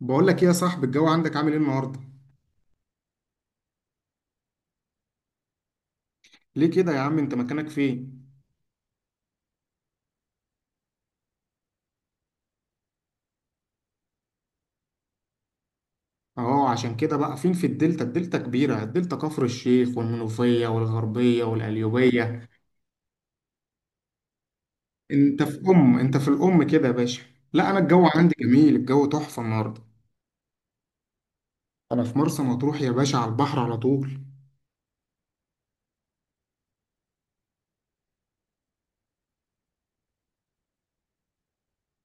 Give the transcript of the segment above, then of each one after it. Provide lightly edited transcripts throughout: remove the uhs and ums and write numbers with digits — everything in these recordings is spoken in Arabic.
بقول لك ايه يا صاحبي، الجو عندك عامل ايه النهارده؟ ليه كده يا عم، انت مكانك فين؟ اهو عشان كده. بقى فين في الدلتا؟ الدلتا كبيره، الدلتا كفر الشيخ والمنوفيه والغربيه والقليوبيه. انت في الام كده يا باشا. لا، انا الجو عندي جميل، الجو تحفه النهارده. انا في مرسى مطروح يا باشا، على البحر على طول.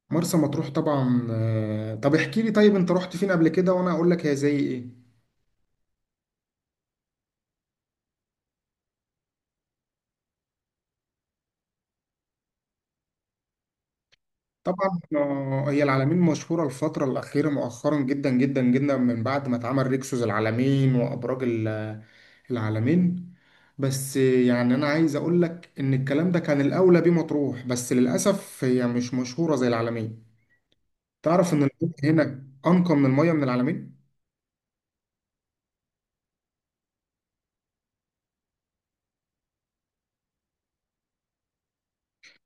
مرسى مطروح طبعا، طب احكي لي، طيب انت رحت فين قبل كده وانا اقول لك هي زي ايه؟ طبعا هي العلمين مشهورة الفترة الأخيرة مؤخرا جدا جدا جدا من بعد ما اتعمل ريكسوس العلمين وأبراج العلمين. بس يعني أنا عايز أقول لك إن الكلام ده كان الأولى بيه مطروح، بس للأسف هي مش مشهورة زي العلمين. تعرف إن المية هنا أنقى من المية من العلمين؟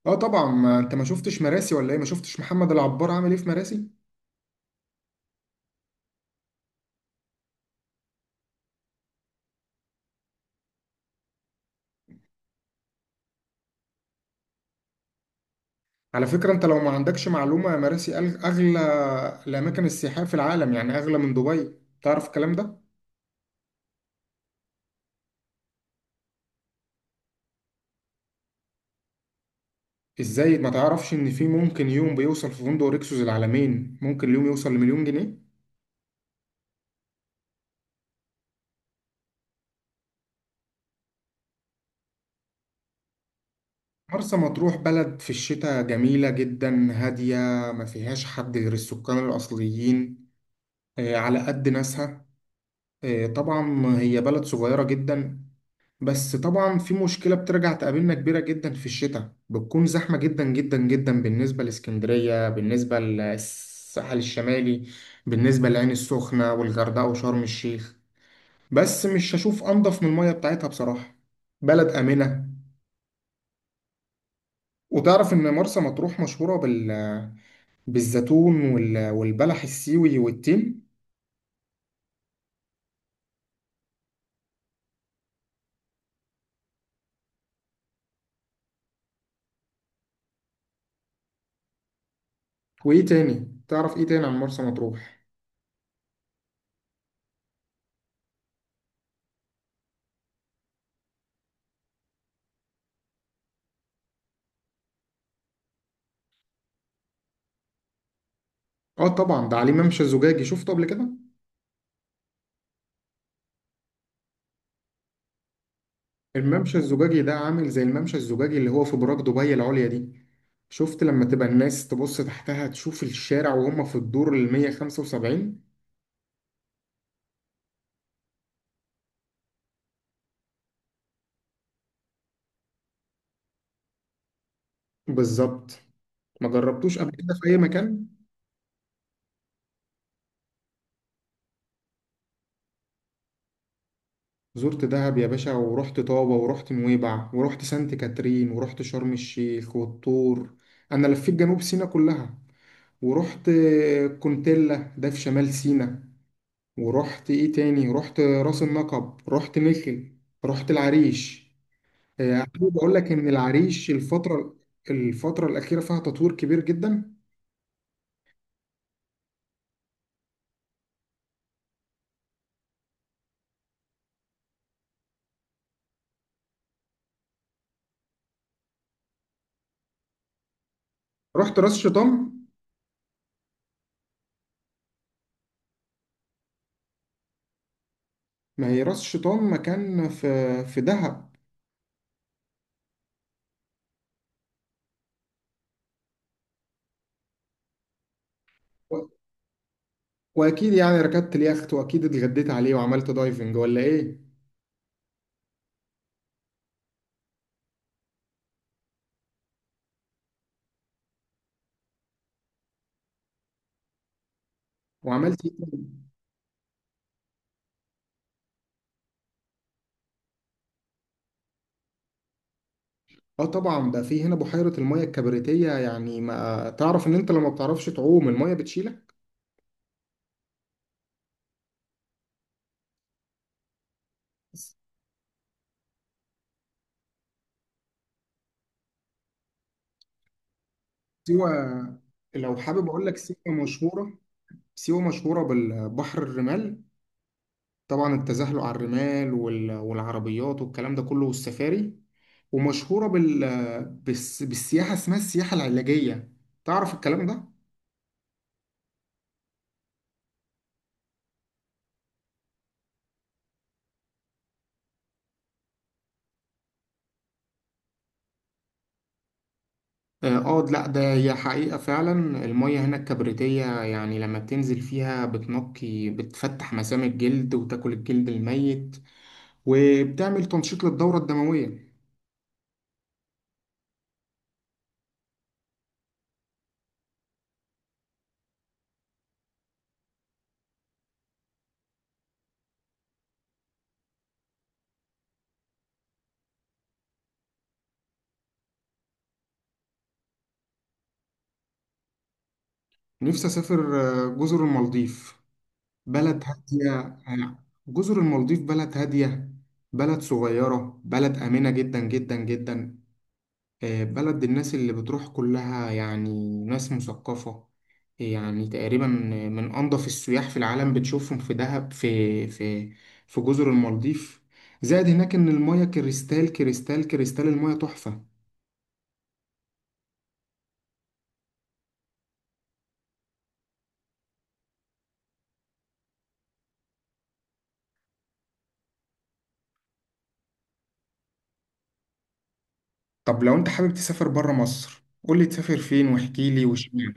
آه طبعا، ما أنت ما شفتش مراسي ولا إيه؟ ما شفتش محمد العبار عامل إيه في مراسي؟ على فكرة، أنت لو ما عندكش معلومة، مراسي أغلى الأماكن السياحية في العالم، يعني أغلى من دبي. تعرف الكلام ده؟ ازاي ما تعرفش ان في ممكن يوم بيوصل في فندق ريكسوس العالمين ممكن اليوم يوصل لمليون جنيه. مرسى مطروح بلد في الشتاء جميلة جدا هادية، ما فيهاش حد غير السكان الأصليين، على قد ناسها. طبعا هي بلد صغيرة جدا، بس طبعا في مشكلة بترجع تقابلنا كبيرة جدا، في الشتاء بتكون زحمة جدا جدا جدا بالنسبة لإسكندرية، بالنسبة للساحل الشمالي، بالنسبة للعين السخنة والغردقة وشرم الشيخ. بس مش هشوف انضف من المية بتاعتها بصراحة. بلد آمنة. وتعرف إن مرسى مطروح مشهورة بالزيتون والبلح السيوي والتين؟ وإيه تاني؟ تعرف إيه تاني عن مرسى مطروح؟ آه طبعا، ده عليه ممشى الزجاجي، شفته قبل كده؟ الممشى الزجاجي ده عامل زي الممشى الزجاجي اللي هو في براك دبي العليا دي. شفت لما تبقى الناس تبص تحتها تشوف الشارع وهم في الدور ال 175؟ بالظبط. ما جربتوش قبل كده في أي مكان؟ زرت دهب يا باشا، ورحت طابة ورحت نويبع ورحت سانت كاترين ورحت شرم الشيخ والطور. أنا لفيت جنوب سيناء كلها. ورحت كونتيلا، ده في شمال سيناء. ورحت إيه تاني، رحت راس النقب، رحت مخل، رحت العريش. حابب أقول لك إن العريش الفترة الأخيرة فيها تطوير كبير جدا. رحت راس شيطان. ما هي راس شيطان مكان في دهب. واكيد يعني ركبت اليخت واكيد اتغديت عليه وعملت دايفنج ولا ايه؟ وعملت إيه تاني؟ اه طبعا، ده في هنا بحيره الميه الكبريتيه، يعني ما تعرف ان انت لما بتعرفش تعوم الميه بتشيلك؟ سيوه. لو حابب اقول لك، سيوه مشهوره، سيوه مشهوره بالبحر الرمال، طبعا التزحلق على الرمال والعربيات والكلام ده كله والسفاري. ومشهوره بالسياحه، اسمها السياحه العلاجيه. تعرف الكلام ده؟ اه لا ده هي حقيقة فعلا. المية هنا الكبريتية يعني لما بتنزل فيها بتنقي، بتفتح مسام الجلد وتاكل الجلد الميت، وبتعمل تنشيط للدورة الدموية. نفسي أسافر جزر المالديف، بلد هادية. جزر المالديف بلد هادية، بلد صغيرة، بلد آمنة جدا جدا جدا. بلد الناس اللي بتروح كلها يعني ناس مثقفة، يعني تقريبا من أنظف السياح في العالم. بتشوفهم في دهب في جزر المالديف. زائد هناك إن المياه كريستال كريستال كريستال، المياه تحفة. طب لو أنت حابب تسافر بره مصر، قولي تسافر فين واحكي لي واشمعنى.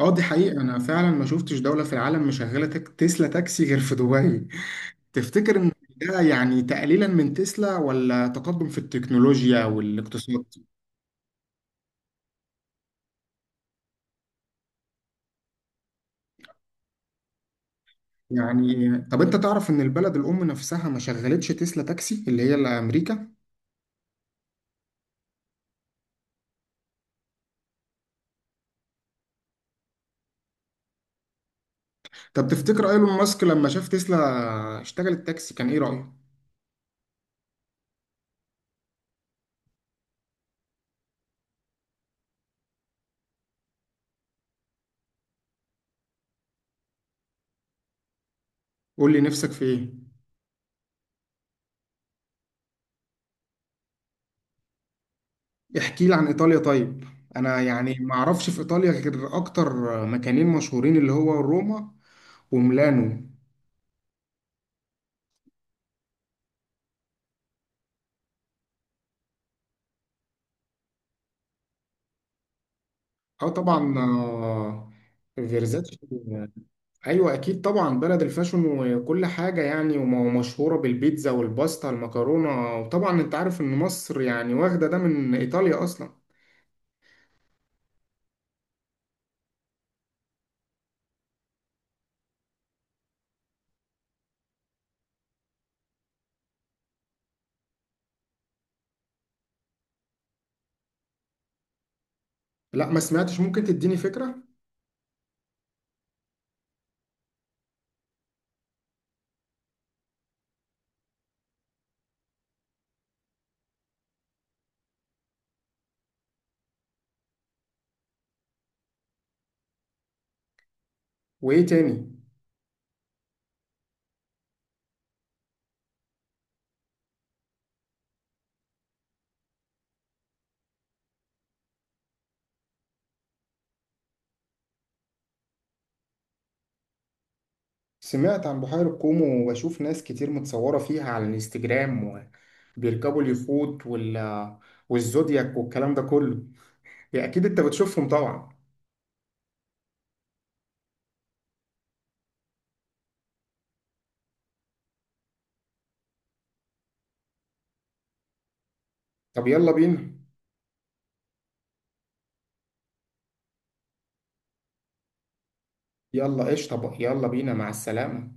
اه دي حقيقة، أنا فعلا ما شفتش دولة في العالم مشغلة تسلا تاكسي غير في دبي. تفتكر إن ده يعني تقليلا من تسلا ولا تقدم في التكنولوجيا والاقتصاد؟ يعني طب انت تعرف ان البلد الام نفسها ما شغلتش تسلا تاكسي، اللي هي اللي امريكا؟ طب تفتكر ايلون ماسك لما شاف تسلا اشتغلت تاكسي كان ايه رايه؟ قول لي نفسك في ايه. احكي لي عن ايطاليا طيب. انا يعني ما اعرفش في ايطاليا غير اكتر مكانين مشهورين، اللي هو روما وميلانو. اه طبعا فيرزاتشي. ايوه اكيد طبعا، بلد الفاشون وكل حاجه يعني، ومشهوره بالبيتزا والباستا المكرونه، وطبعا انت عارف ان مصر يعني واخده ده من ايطاليا اصلا. لا ما سمعتش، ممكن تديني فكره. وايه تاني؟ سمعت عن بحيره كومو، وبشوف ناس كتير متصوره فيها على الانستجرام وبيركبوا اليخوت والزودياك والكلام ده كله. يا اكيد انت بتشوفهم طبعا. طب يلا بينا. يلا ايش، طب يلا بينا، مع السلامه.